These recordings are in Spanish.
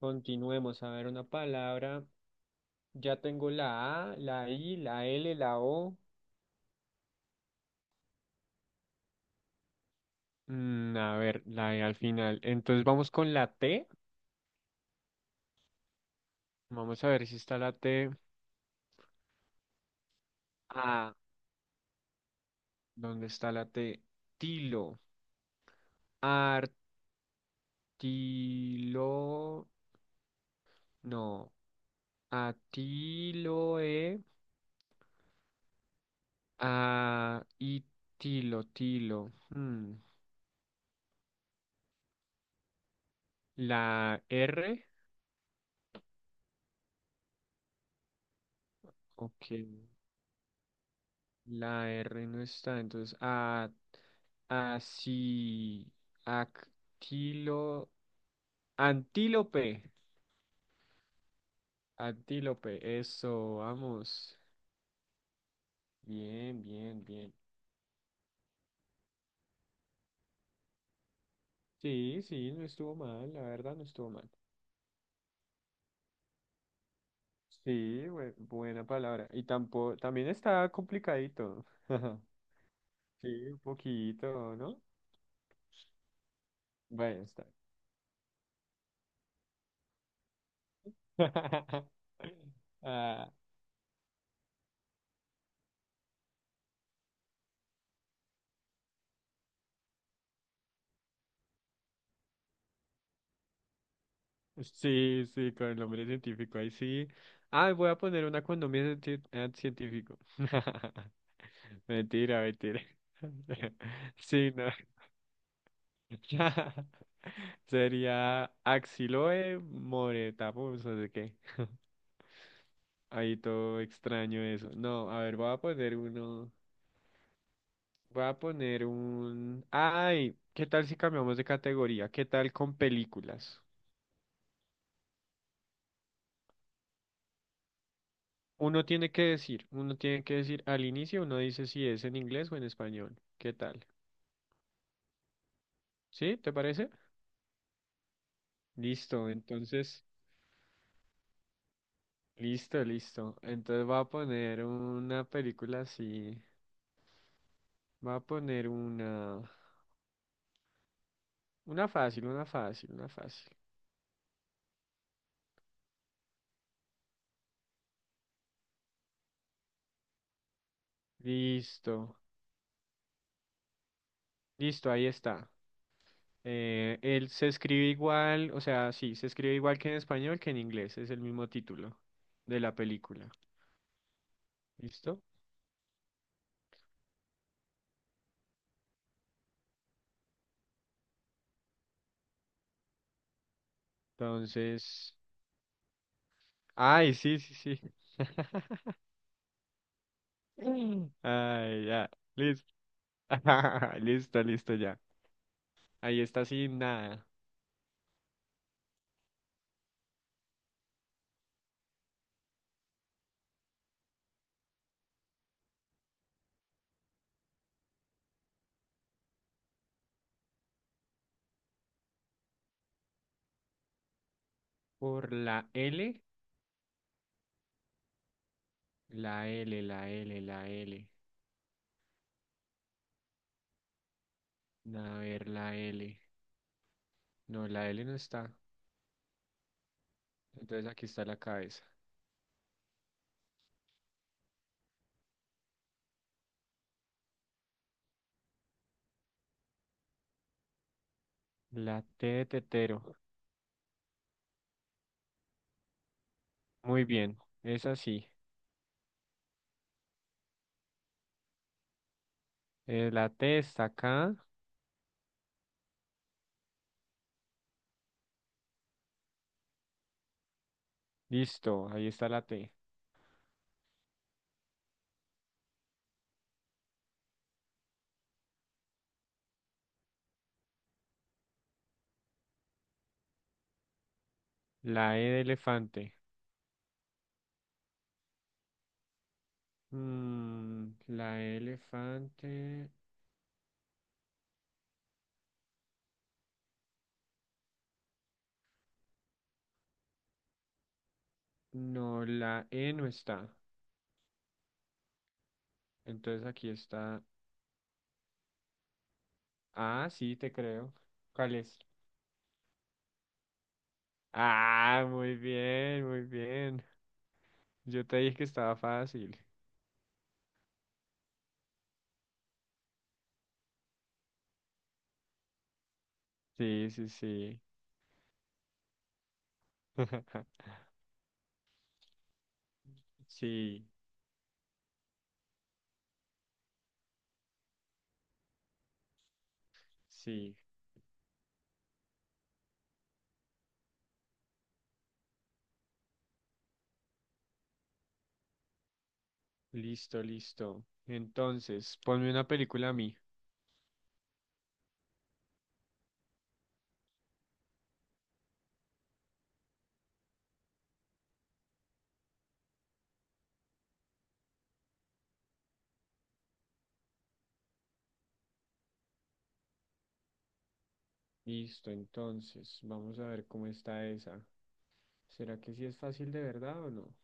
Continuemos a ver una palabra. Ya tengo la A, la I, la L, la O. A ver, la E al final. Entonces vamos con la T. Vamos a ver si está la T. Ah, ¿dónde está la T? Tilo. Artilo. No. Atiloe. A y tilo, tilo. La R. Ok. La R no está, entonces a así actilo antílope. Antílope, eso, vamos. Bien, bien, bien. Sí, sí, no estuvo mal, la verdad no estuvo mal. Sí, buena palabra. Y tampoco, también está complicadito. Sí, un poquito, ¿no? Bueno, está. Ah, sí, sí, con el nombre científico, ahí sí. Ah, voy a poner una con nombre científico. Mentira, mentira. Sí, no. Sería Axiloe moretapus, o de qué. Ahí todo extraño eso. No, a ver, voy a poner uno. Voy a poner un. Ay, ¿qué tal si cambiamos de categoría? ¿Qué tal con películas? Uno tiene que decir, uno tiene que decir al inicio, uno dice si es en inglés o en español. ¿Qué tal? ¿Sí? ¿Te parece? Listo, entonces, listo, listo. Entonces va a poner una película así. Va a poner una fácil, una fácil, una fácil. Listo, listo, ahí está. Él se escribe igual, o sea, sí, se escribe igual que en español que en inglés, es el mismo título de la película. ¿Listo? Entonces, ay, sí, sí, sí. Mm. Ay, ya. Listo. Listo, listo, ya. Ahí está sin nada. Por la L. La L, la L, la L. A ver, la L. No, la L no está. Entonces aquí está la cabeza. La T de tetero. Muy bien. Es así. La T está acá. Listo. Ahí está la T. La E de elefante. La E de elefante. No, la E no está. Entonces aquí está. Sí, te creo. ¿Cuál es? Ah, muy bien, muy bien. Yo te dije que estaba fácil. Sí, sí, sí. Sí, sí. Listo, listo. Entonces, ponme una película a mí. Listo, entonces, vamos a ver cómo está esa. ¿Será que sí es fácil de verdad o no?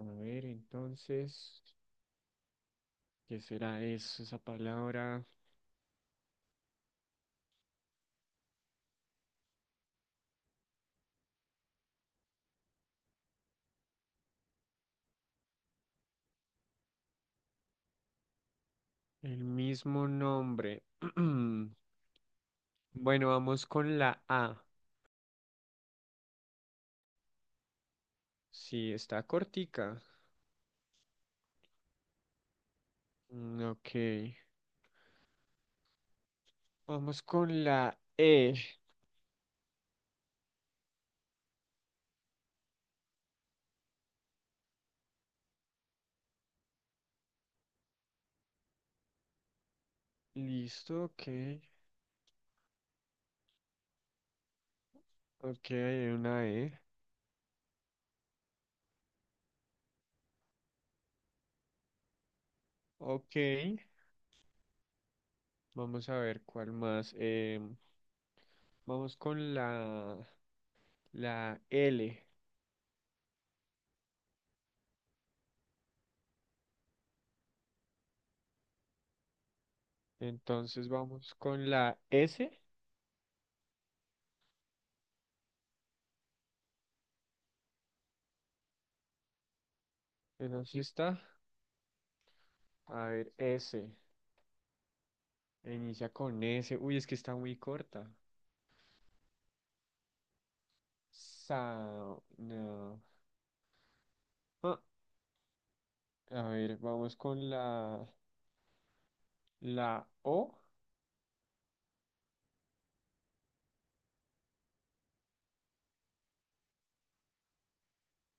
A ver, entonces, ¿qué será eso, esa palabra? El mismo nombre. Bueno, vamos con la A. Sí, está cortica. Mm, ok. Vamos con la E. Listo, ok. Ok, hay una E. Ok. Vamos a ver cuál más. Vamos con la, la L. Entonces vamos con la S. Esa sí está. A ver, S. Inicia con S. Uy, es que está muy corta. Sa- no. Ah, a ver, vamos con la, la O.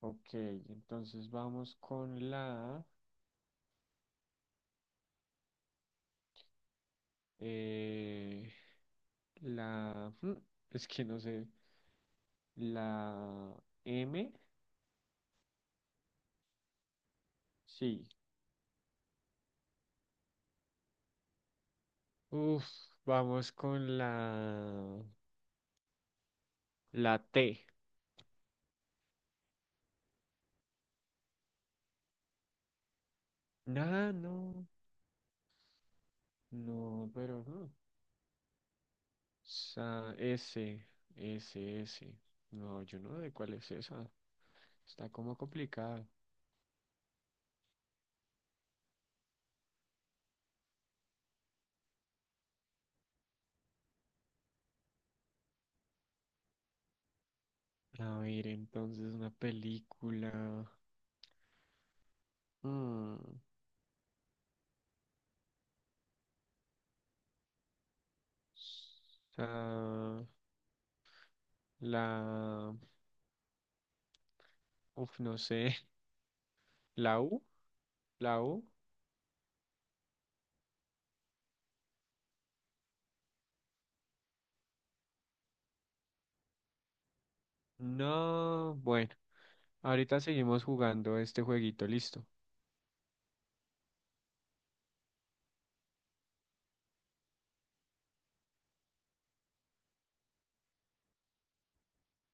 Ok, entonces vamos con la, eh, la, es que no sé, la M, sí. Uf, vamos con la, la T. Nah, no, no, pero no. Sa- S, S, S. No, yo no sé cuál es esa. Está como complicada. A ver, entonces una película. Mm. Sa- la, uf, no sé, la U, la U. No, bueno, ahorita seguimos jugando este jueguito, listo.